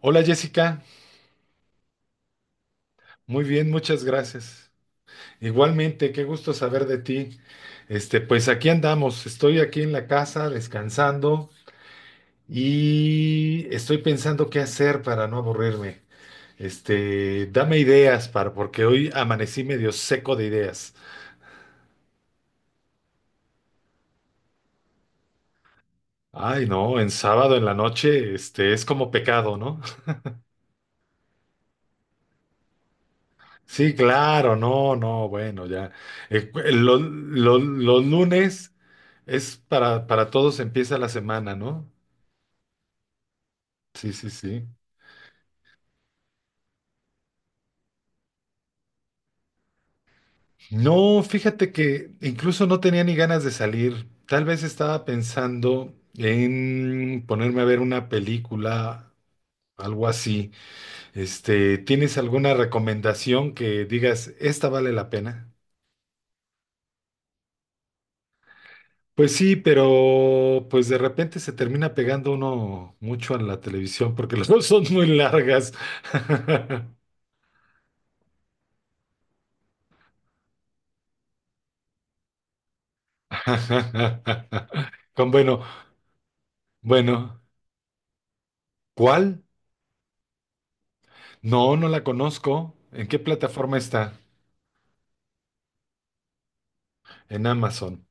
Hola Jessica, muy bien, muchas gracias. Igualmente, qué gusto saber de ti. Pues aquí andamos, estoy aquí en la casa descansando y estoy pensando qué hacer para no aburrirme. Dame ideas para, porque hoy amanecí medio seco de ideas. Ay, no, en sábado en la noche, es como pecado, ¿no? Sí, claro, no, no, bueno, ya. Los lunes es para todos empieza la semana, ¿no? Sí, sí, sí. No, fíjate que incluso no tenía ni ganas de salir. Tal vez estaba pensando en ponerme a ver una película, algo así. ¿Tienes alguna recomendación que digas, esta vale la pena? Pues sí, pero pues de repente se termina pegando uno mucho a la televisión porque las dos son muy largas. Con bueno, bueno, ¿cuál? No, no la conozco. ¿En qué plataforma está? En Amazon.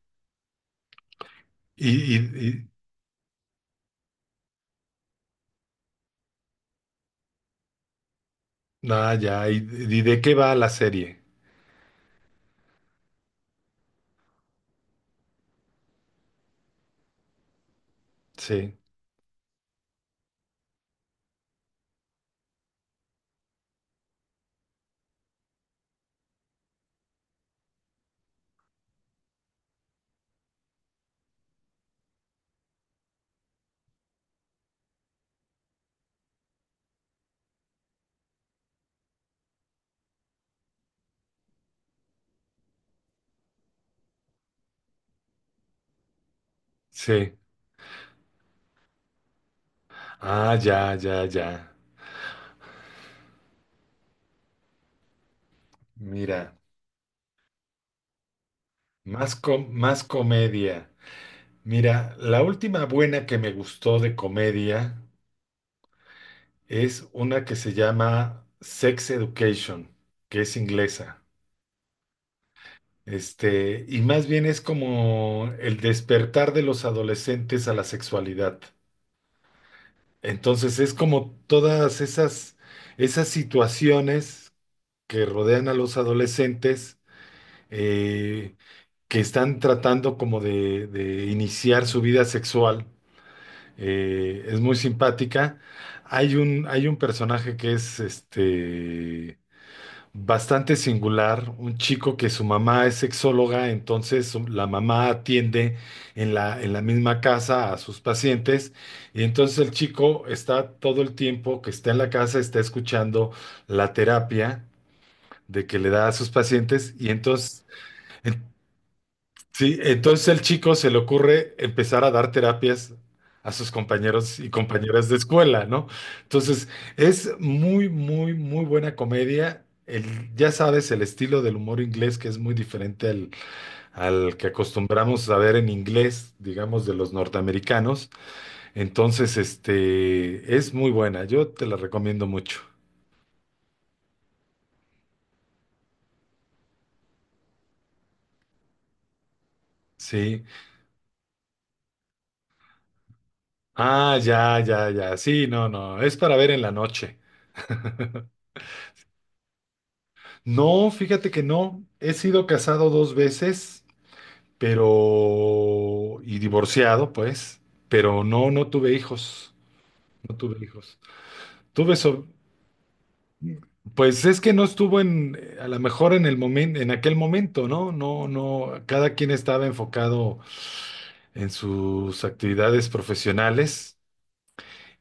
Y, y, y- ah, ya, ¿y, y de qué va la serie? Sí, sí. Ah, ya, ya, ya. Mira, más, más comedia. Mira, la última buena que me gustó de comedia es una que se llama Sex Education, que es inglesa. Y más bien es como el despertar de los adolescentes a la sexualidad. Entonces es como todas esas, esas situaciones que rodean a los adolescentes eh, que están tratando como de iniciar su vida sexual. Es muy simpática. Hay un personaje que es bastante singular, un chico que su mamá es sexóloga, la mamá atiende en en la misma casa a sus pacientes, y entonces el chico está todo el tiempo que está en la casa, está escuchando la terapia de que le da a sus pacientes, y entonces, sí, entonces el chico se le ocurre empezar a dar terapias a sus compañeros y compañeras de escuela, ¿no? Entonces, es muy, muy, muy buena comedia. El, ya sabes, el estilo del humor inglés que es muy diferente al, al que acostumbramos a ver en inglés, digamos, de los norteamericanos. Entonces, es muy buena. Yo te la recomiendo mucho. Sí. Ah, ya, ya, ya. Sí, no, no. Es para ver en la noche. No, fíjate que no. He sido casado dos veces, pero... y divorciado, pues, pero no, no tuve hijos. No tuve hijos. Tuve so- Pues es que no estuvo en, a lo mejor en el momento, en aquel momento, ¿no? No, no, cada quien estaba enfocado en sus actividades profesionales.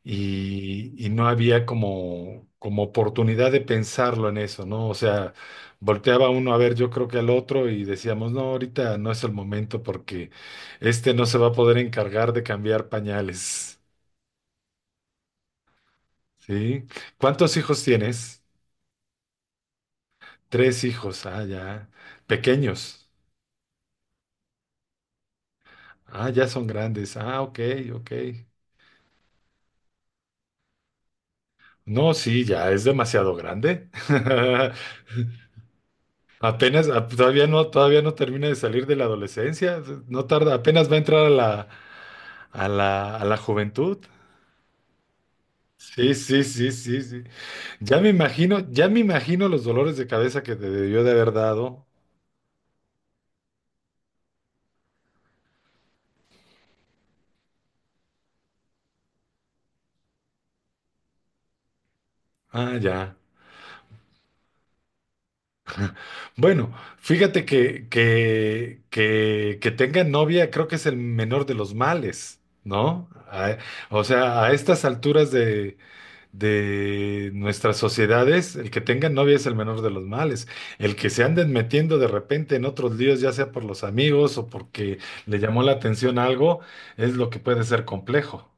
Y y, no había como, como oportunidad de pensarlo en eso, ¿no? O sea, volteaba uno a ver, yo creo que al otro y decíamos, no, ahorita no es el momento porque este no se va a poder encargar de cambiar pañales, ¿sí? ¿Cuántos hijos tienes? Tres hijos, ah, ya, pequeños, ah, ya son grandes, ah, ok, ok. No, sí, ya es demasiado grande. Apenas, a- todavía no termina de salir de la adolescencia, no tarda, apenas va a entrar a a a la juventud. Sí, sí, sí, sí, sí. Ya me imagino los dolores de cabeza que te debió de haber dado. Ah, ya. Bueno, fíjate que tenga novia creo que es el menor de los males, ¿no? A- o sea, a estas alturas de nuestras sociedades, el que tenga novia es el menor de los males. El que se anden metiendo de repente en otros líos, ya sea por los amigos o porque le llamó la atención algo, es lo que puede ser complejo.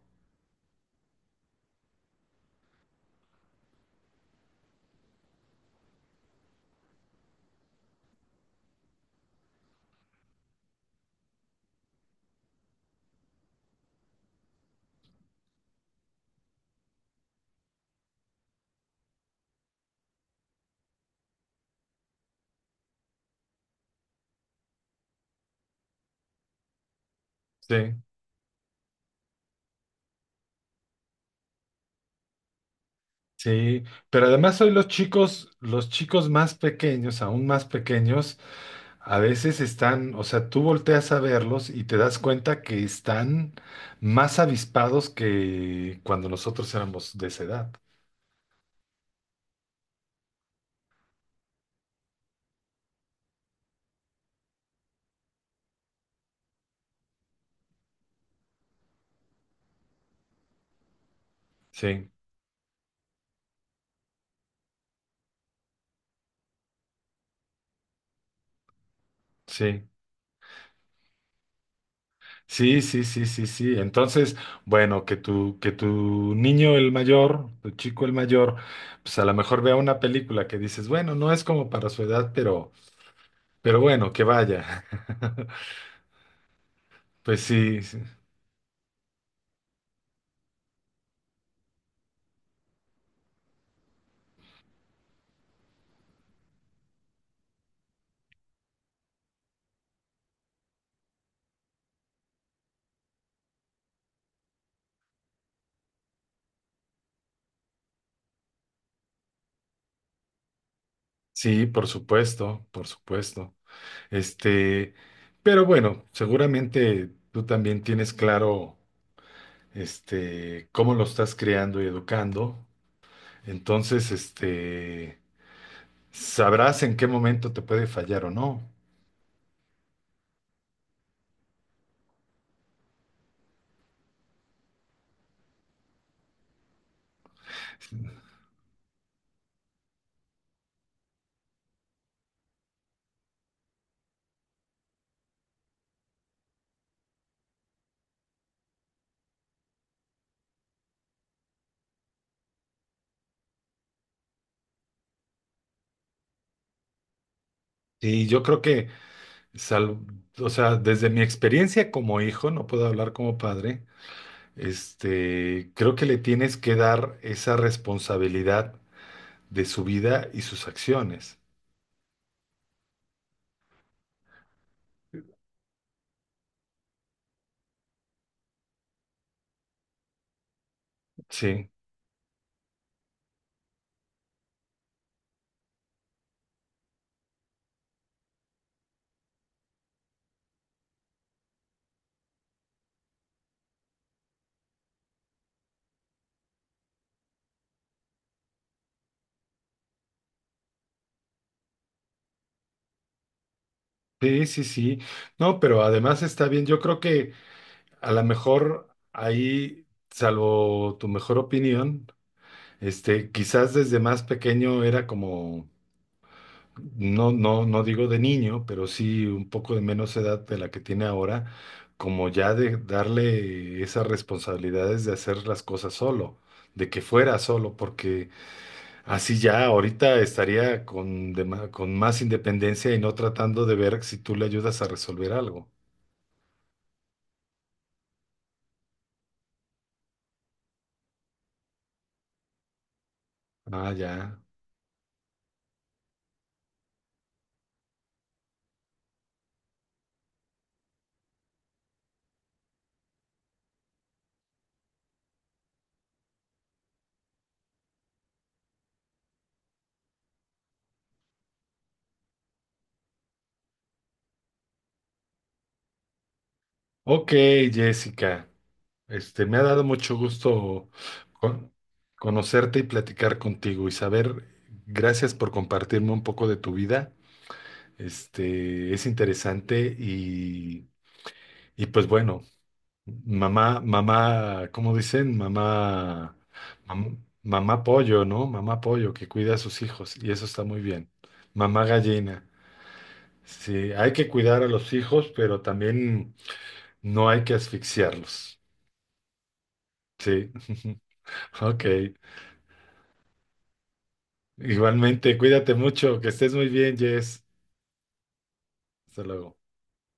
Sí, sí. Pero además hoy los chicos más pequeños, aún más pequeños, a veces están, o sea, tú volteas a verlos y te das cuenta que están más avispados que cuando nosotros éramos de esa edad. Sí, sí. Sí, sí, sí, sí, sí. Entonces, bueno, que tu niño el mayor, tu chico el mayor, pues a lo mejor vea una película que dices, bueno, no es como para su edad, pero bueno, que vaya. Pues sí, sí, sí, por supuesto, por supuesto. Este, pero bueno, seguramente tú también tienes claro, cómo lo estás criando y educando. Entonces, sabrás en qué momento te puede fallar o no. Sí, yo creo que, sal- o sea, desde mi experiencia como hijo, no puedo hablar como padre, creo que le tienes que dar esa responsabilidad de su vida y sus acciones. Sí, sí, sí, sí. No, pero además está bien. Yo creo que a lo mejor ahí, salvo tu mejor opinión, quizás desde más pequeño era como no, no, no digo de niño, pero sí un poco de menos edad de la que tiene ahora, como ya de darle esas responsabilidades de hacer las cosas solo, de que fuera solo, porque así ya ahorita estaría con, con más independencia y no tratando de ver si tú le ayudas a resolver algo. Ah, ya. Ok, Jessica. Me ha dado mucho gusto con- conocerte y platicar contigo, y saber. Gracias por compartirme un poco de tu vida. Es interesante y pues bueno, mamá, mamá, ¿cómo dicen? Mamá, mam- mamá pollo, ¿no? Mamá pollo que cuida a sus hijos y eso está muy bien. Mamá gallina. Sí, hay que cuidar a los hijos, pero también no hay que asfixiarlos. Sí, ok. Igualmente, cuídate mucho, que estés muy bien, Jess. Hasta luego.